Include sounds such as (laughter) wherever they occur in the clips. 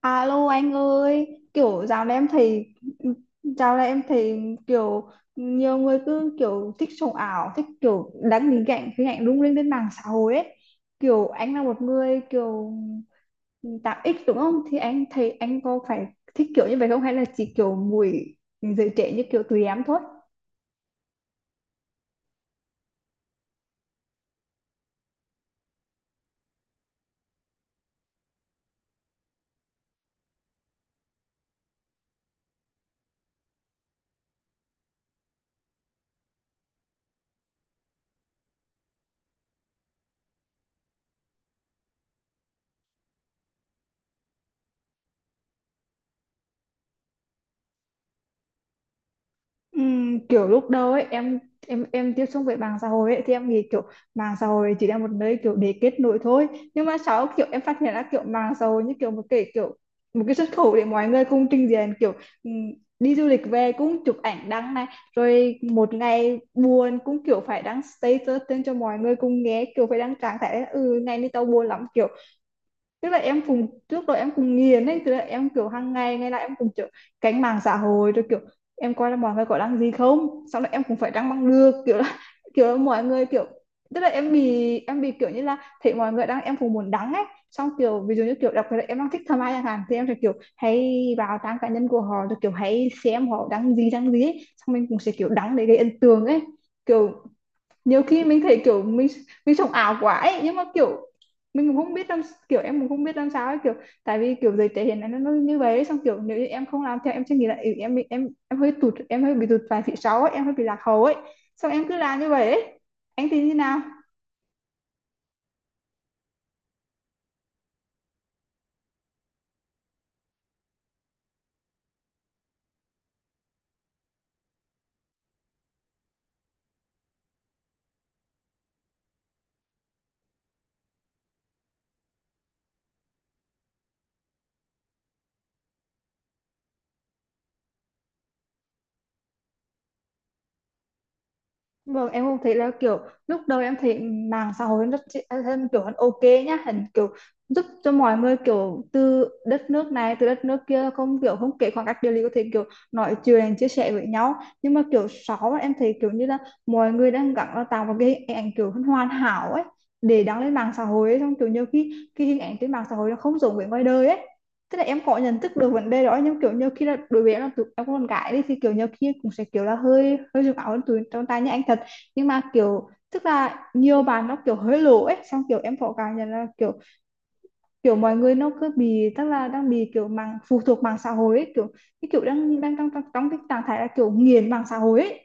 À, alo anh ơi, kiểu dạo này em thấy kiểu nhiều người cứ kiểu thích sống ảo, thích kiểu đăng hình ảnh lung linh lên mạng xã hội ấy. Kiểu anh là một người kiểu tạo ích, đúng không? Thì anh thấy anh có phải thích kiểu như vậy không, hay là chỉ kiểu mùi giới trẻ như kiểu tụi em thôi? Kiểu lúc đầu ấy em tiếp xúc với mạng xã hội ấy thì em nghĩ kiểu mạng xã hội chỉ là một nơi kiểu để kết nối thôi, nhưng mà sau kiểu em phát hiện ra kiểu mạng xã hội như kiểu một cái xuất khẩu để mọi người cùng trình diện kiểu, ừm, đi du lịch về cũng chụp ảnh đăng này, rồi một ngày buồn cũng kiểu phải đăng status lên cho mọi người cùng nghe, kiểu phải đăng trạng thái là, ừ, ngày nay tao buồn lắm. Kiểu tức là em cùng trước đó em cùng nghiền ấy, tức là em kiểu hàng ngày, ngày nào em cùng kiểu cánh mạng xã hội, rồi kiểu em coi là mọi người có đăng gì không, xong là em cũng phải đăng bằng được, kiểu là (laughs) kiểu là mọi người kiểu, tức là em bị kiểu như là thấy mọi người đăng em cũng muốn đăng ấy. Xong kiểu ví dụ như, kiểu đặc biệt là em đang thích thầm ai chẳng hạn thì em sẽ kiểu hay vào trang cá nhân của họ, rồi kiểu hãy xem họ đăng gì, đăng gì ấy. Xong mình cũng sẽ kiểu đăng để gây ấn tượng ấy, kiểu nhiều khi mình thấy kiểu mình sống ảo quá ấy, nhưng mà kiểu mình cũng không biết làm, kiểu em cũng không biết làm sao ấy, kiểu tại vì kiểu giới trẻ hiện nay nó như vậy ấy. Xong kiểu nếu như em không làm theo em sẽ nghĩ là, ừ, em bị- em hơi tụt em hơi bị tụt vài phía sau ấy, em hơi bị lạc hậu ấy. Xong em cứ làm như vậy ấy. Anh thì như nào? Vâng, em cũng thấy là kiểu lúc đầu em thấy mạng xã hội rất, em kiểu hắn ok nhá, hẳn kiểu giúp cho mọi người kiểu từ đất nước này, từ đất nước kia, không kể khoảng cách địa lý, có thể kiểu nói chuyện chia sẻ với nhau. Nhưng mà kiểu sáu em thấy kiểu như là mọi người đang gắng là tạo một cái hình ảnh kiểu hắn hoàn hảo ấy để đăng lên mạng xã hội ấy. Xong kiểu nhiều khi cái hình ảnh trên mạng xã hội nó không giống với ngoài đời ấy. Tức là em có nhận thức được vấn đề đó, nhưng kiểu nhiều khi là đối với em, là tụi em con gái đi thì kiểu nhiều khi cũng sẽ kiểu là hơi hơi dùng áo hơn tụi con trai như anh thật. Nhưng mà kiểu tức là nhiều bạn nó kiểu hơi lố ấy. Xong kiểu em có cảm nhận là, kiểu kiểu mọi người nó cứ bị, tức là đang bị kiểu phụ thuộc mạng xã hội ấy, kiểu cái kiểu đang đang trong trong trong cái trạng thái là kiểu nghiền mạng xã hội ấy.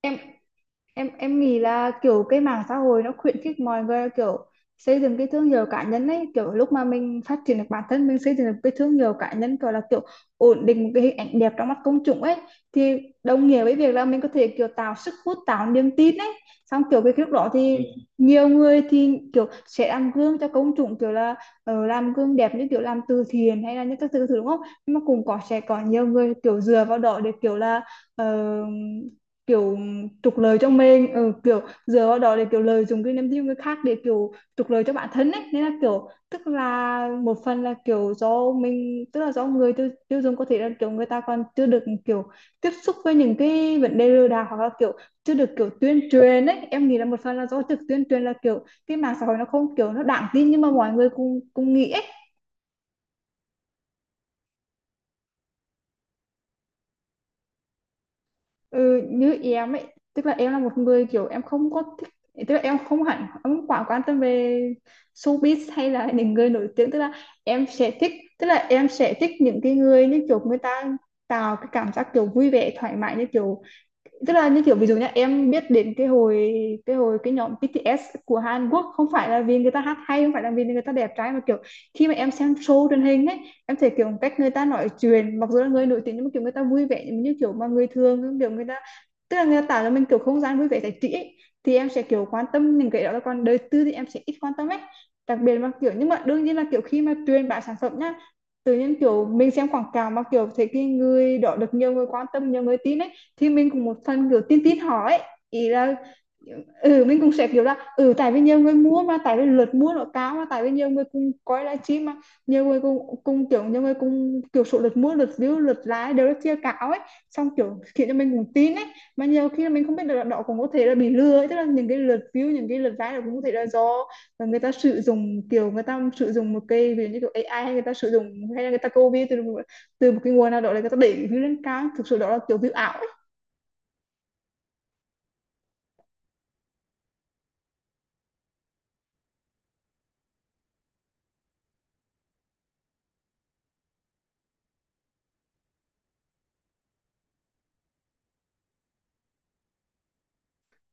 Em em em nghĩ là kiểu cái mạng xã hội nó khuyến khích mọi người kiểu xây dựng cái thương hiệu cá nhân ấy, kiểu lúc mà mình phát triển được bản thân, mình xây dựng được cái thương hiệu cá nhân, kiểu là kiểu ổn định một cái hình ảnh đẹp trong mắt công chúng ấy, thì đồng nghĩa với việc là mình có thể kiểu tạo sức hút, tạo niềm tin ấy. Xong kiểu cái lúc đó thì ừ. Nhiều người thì kiểu sẽ làm gương cho công chúng, kiểu là ờ, làm gương đẹp như kiểu làm từ thiện hay là những các thứ thứ, đúng không? Nhưng mà cũng có sẽ có nhiều người kiểu dựa vào đó để kiểu là ờ, kiểu trục lợi cho mình, ừ, kiểu dựa vào đó để kiểu lợi dụng cái niềm tin của người khác để kiểu trục lợi cho bản thân ấy. Nên là kiểu tức là một phần là kiểu do mình, tức là do người tiêu dùng, có thể là kiểu người ta còn chưa được kiểu tiếp xúc với những cái vấn đề lừa đảo, hoặc là kiểu chưa được kiểu tuyên truyền ấy. Em nghĩ là một phần là do trực tuyên truyền, là kiểu cái mạng xã hội nó không kiểu nó đáng tin, nhưng mà mọi người cũng cũng nghĩ ấy. Ừ, như em ấy, tức là em là một người kiểu em không có thích, tức là em không hẳn, em không quá quan tâm về showbiz hay là những người nổi tiếng, tức là em sẽ thích, những cái người như kiểu người ta tạo cái cảm giác kiểu vui vẻ thoải mái, như kiểu tức là như kiểu ví dụ nhá, em biết đến cái hồi, cái nhóm BTS của Hàn Quốc không phải là vì người ta hát hay, không phải là vì người ta đẹp trai, mà kiểu khi mà em xem show truyền hình ấy em thấy kiểu cách người ta nói chuyện, mặc dù là người nổi tiếng nhưng mà kiểu người ta vui vẻ như kiểu mà người thường, kiểu người ta, tức là người ta tạo cho mình kiểu không gian vui vẻ giải trí ấy. Thì em sẽ kiểu quan tâm những cái đó, còn đời tư thì em sẽ ít quan tâm ấy, đặc biệt là kiểu. Nhưng mà đương nhiên là kiểu khi mà truyền bá sản phẩm nhá, tự nhiên kiểu mình xem quảng cáo mà kiểu thấy cái người đó được nhiều người quan tâm, nhiều người tin ấy, thì mình cũng một phần kiểu tin tin họ ấy. Ý là, ừ mình cũng sẽ kiểu là, ừ tại vì nhiều người mua mà, tại vì lượt mua nó cao mà, tại vì nhiều người cùng coi livestream mà nhiều người cùng kiểu số lượt mua, lượt view, lượt like đều rất chia cao ấy, xong kiểu khiến cho mình cũng tin ấy. Mà nhiều khi là mình không biết được là đó cũng có thể là bị lừa ấy, tức là những cái lượt view, những cái lượt like cũng có thể là do người ta sử dụng, kiểu người ta sử dụng một cái ví dụ như kiểu AI, hay người ta sử dụng, hay là người ta copy từ từ một cái nguồn nào đó để người ta đẩy view lên cao, thực sự đó là kiểu view ảo.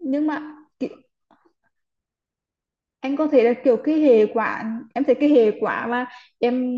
nhưng mà ki- anh có thể là kiểu cái hệ quả, em thấy cái hệ quả mà em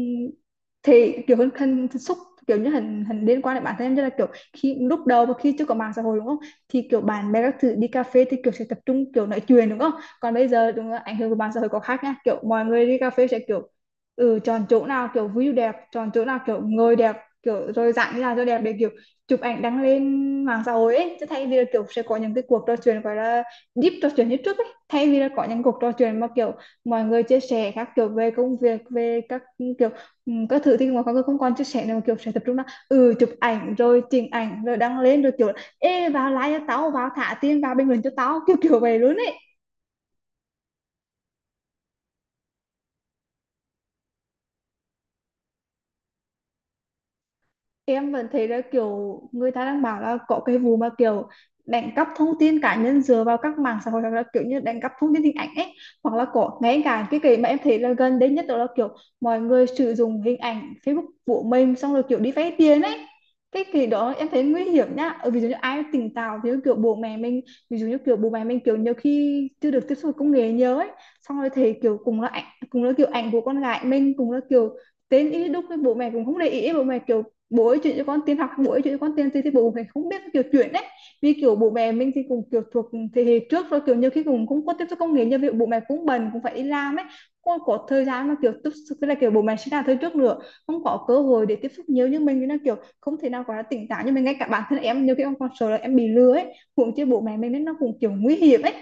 thì kiểu hình xúc, kiểu như hình hình liên quan đến bản thân em, như là kiểu, khi lúc đầu và khi chưa có mạng xã hội đúng không, thì kiểu bạn bè các thứ đi cà phê thì kiểu sẽ tập trung kiểu nói chuyện, đúng không? Còn bây giờ đúng là ảnh hưởng của mạng xã hội có khác nha, kiểu mọi người đi cà phê sẽ kiểu, ừ chọn chỗ nào kiểu view đẹp, chọn chỗ nào kiểu ngồi đẹp, kiểu rồi dạng như là cho đẹp để kiểu chụp ảnh đăng lên mạng xã hội ấy, chứ thay vì là kiểu sẽ có những cái cuộc trò chuyện gọi là deep, trò chuyện như trước, thay vì là có những cuộc trò chuyện mà kiểu mọi người chia sẻ các kiểu về công việc, về các kiểu các thứ, thì mà mọi người không còn chia sẻ nữa, kiểu sẽ tập trung là, ừ chụp ảnh rồi chỉnh ảnh rồi đăng lên, rồi kiểu ê vào like cho tao, vào thả tiền, vào bình luận cho tao, kiểu kiểu vậy luôn ấy. Em vẫn thấy là kiểu người ta đang bảo là có cái vụ mà kiểu đánh cắp thông tin cá nhân dựa vào các mạng xã hội, hoặc là kiểu như đánh cắp thông tin hình ảnh ấy, hoặc là có ngay cả cái mà em thấy là gần đây nhất đó là kiểu mọi người sử dụng hình ảnh Facebook của mình xong rồi kiểu đi vay tiền ấy. Cái kỳ đó em thấy nguy hiểm nhá. Ờ, ví dụ như ai tỉnh táo thì kiểu bố mẹ mình, ví dụ như kiểu bố mẹ mình kiểu nhiều khi chưa được tiếp xúc với công nghệ nhiều ấy, xong rồi thì kiểu cùng là ảnh, cùng là kiểu ảnh của con gái mình, cùng là kiểu tên ý đúc với bố mẹ cũng không để ý, bố mẹ kiểu Bố ấy chuyển cho con tiền học, bố ấy chuyển cho con tiền thì bố phải không biết kiểu chuyển đấy. Vì kiểu bố mẹ mình thì cũng kiểu thuộc thế hệ trước rồi, kiểu nhiều khi cũng không có tiếp xúc công nghệ như vậy, bố mẹ cũng bần cũng phải đi làm ấy, không có thời gian mà kiểu tiếp xúc, tức là kiểu bố mẹ sinh ra thời trước nữa, không có cơ hội để tiếp xúc nhiều như mình, nên là kiểu không thể nào gọi tỉnh táo. Nhưng mà ngay cả bản thân em nhiều khi em còn sợ là em bị lừa ấy, huống chi bố mẹ mình, nên nó cũng kiểu nguy hiểm ấy.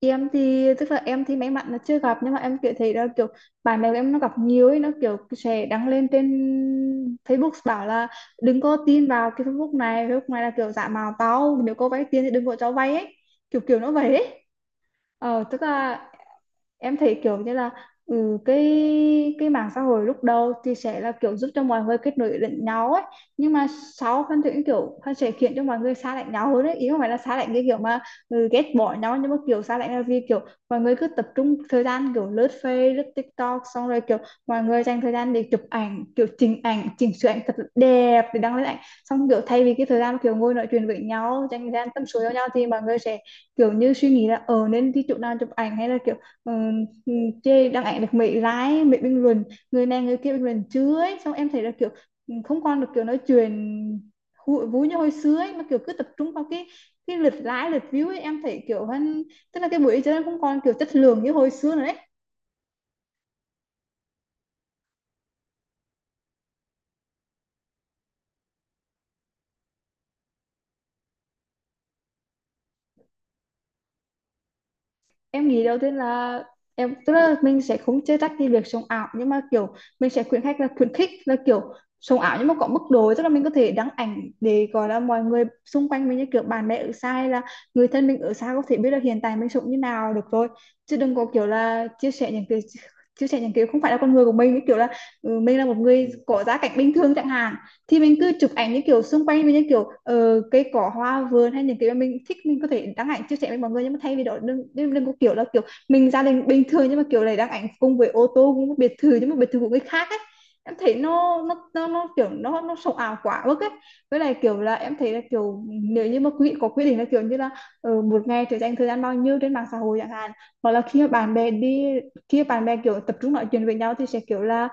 Em tức là em thì may mắn là chưa gặp, nhưng mà em kiểu thấy là kiểu bạn bè của em nó gặp nhiều ấy. Nó kiểu sẽ đăng lên trên Facebook bảo là đừng có tin vào cái Facebook này, Facebook này là kiểu giả mạo tao, nếu có vay tiền thì đừng có cho vay ấy, kiểu kiểu nó vậy ấy. Tức là em thấy kiểu như là, cái mạng xã hội lúc đầu thì sẽ là kiểu giúp cho mọi người kết nối lẫn nhau ấy, nhưng mà sau Phan Thủy kiểu Phan sẽ khiến cho mọi người xa lạnh nhau hơn ấy. Ý không phải là xa lạnh cái kiểu mà, ghét bỏ nhau, nhưng mà kiểu xa lạnh là vì kiểu mọi người cứ tập trung thời gian kiểu lướt Facebook, lướt TikTok. Xong rồi kiểu mọi người dành thời gian để chụp ảnh, kiểu chỉnh ảnh, chỉnh sửa ảnh thật là đẹp để đăng lên ảnh. Xong kiểu thay vì cái thời gian kiểu ngồi nói chuyện với nhau, dành thời gian tâm sự với nhau, thì mọi người sẽ kiểu như suy nghĩ là ờ nên đi chỗ nào chụp ảnh, hay là ờ, ừ, chê đăng ảnh được mấy lái, mấy bình luận, người này người kia bình luận chứa ấy. Xong em thấy là kiểu không còn được kiểu nói chuyện vui như hồi xưa ấy, mà kiểu cứ tập trung vào cái lượt like, lượt view ấy. Em thấy kiểu hơn, tức là cái buổi chơi nó không còn kiểu chất lượng như hồi xưa nữa đấy. Em nghĩ đầu tiên là tức là mình sẽ không chê trách cái việc sống ảo, nhưng mà kiểu mình sẽ khuyến khích là kiểu sống ảo nhưng mà có mức độ, tức là mình có thể đăng ảnh để gọi là mọi người xung quanh mình như kiểu bạn bè ở xa hay là người thân mình ở xa có thể biết là hiện tại mình sống như nào được rồi, chứ đừng có kiểu là chia sẻ những cái không phải là con người của mình, như kiểu là mình là một người có gia cảnh bình thường chẳng hạn, thì mình cứ chụp ảnh những kiểu xung quanh mình, những kiểu cây cỏ, hoa vườn, hay những cái mà mình thích, mình có thể đăng ảnh chia sẻ với mọi người. Nhưng mà thay vì đó đừng, đừng có kiểu là kiểu mình gia đình bình thường nhưng mà kiểu này đăng ảnh cùng với ô tô cũng biệt thự, nhưng mà biệt thự của người khác ấy. Em thấy nó kiểu nó sống ảo quá mức ấy. Với lại kiểu là em thấy là kiểu nếu như mà quý vị có quy định là kiểu như là một ngày thì dành thời gian bao nhiêu trên mạng xã hội chẳng hạn, hoặc là khi mà bạn bè đi, khi mà bạn bè kiểu tập trung nói chuyện với nhau thì sẽ kiểu là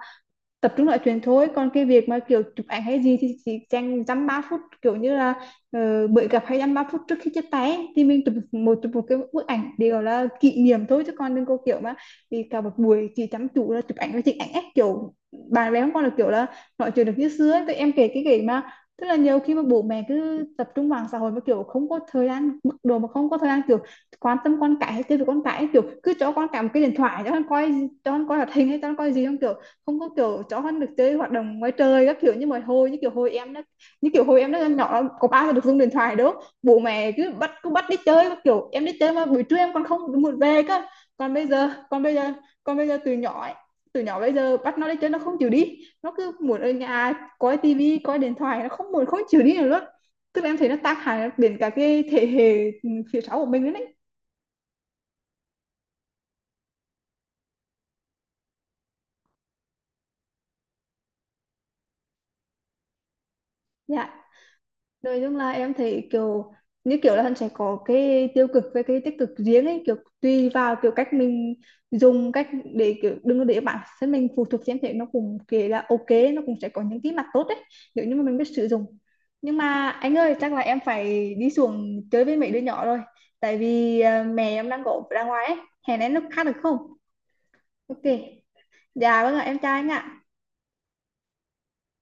tập trung nói chuyện thôi, còn cái việc mà kiểu chụp ảnh hay gì thì chỉ dành dăm ba phút, kiểu như là bữa gặp hay dăm ba phút trước khi chia tay ấy, thì mình chụp một cái bức ảnh để gọi là kỷ niệm thôi, chứ còn đừng có kiểu mà thì cả một buổi chỉ chăm chú là chụp ảnh và chụp ảnh ấy, kiểu bạn bè không còn là kiểu là nói chuyện được như xưa ấy. Tụi em kể cái kể mà tức là nhiều khi mà bố mẹ cứ tập trung vào xã hội mà kiểu không có thời gian, mức độ mà không có thời gian kiểu quan tâm con cái hay chơi với con cái ấy, kiểu cứ cho con cả một cái điện thoại cho con coi, cho con coi hoạt hình, hay cho con coi gì không, kiểu không có kiểu cho con được chơi hoạt động ngoài trời các kiểu, như mà hồi như kiểu hồi em đó, như kiểu hồi em đó nhỏ có bao giờ được dùng điện thoại đâu. Bố mẹ cứ bắt, đi chơi các kiểu, em đi chơi mà buổi trưa em còn không muốn về cơ. Còn bây giờ, còn bây giờ từ nhỏ ấy, từ nhỏ bây giờ bắt nó đi chơi nó không chịu đi, nó cứ muốn ở nhà coi tivi, coi điện thoại, nó không muốn, không chịu đi nữa luôn. Tức là em thấy nó tác hại đến cả cái thế hệ phía sau của mình nữa đấy. Dạ, nói chung là em thấy kiểu như kiểu là hắn sẽ có cái tiêu cực với cái tích cực riêng ấy, kiểu tùy vào kiểu cách mình dùng cách để kiểu đừng có để bản thân mình phụ thuộc, xem thế nó cũng kể là ok, nó cũng sẽ có những cái mặt tốt đấy nếu như mà mình biết sử dụng. Nhưng mà anh ơi, chắc là em phải đi xuống chơi với mấy đứa nhỏ rồi, tại vì mẹ em đang có ra ngoài ấy, hẹn em lúc khác được không? Ok, dạ vâng ạ, em chào anh ạ.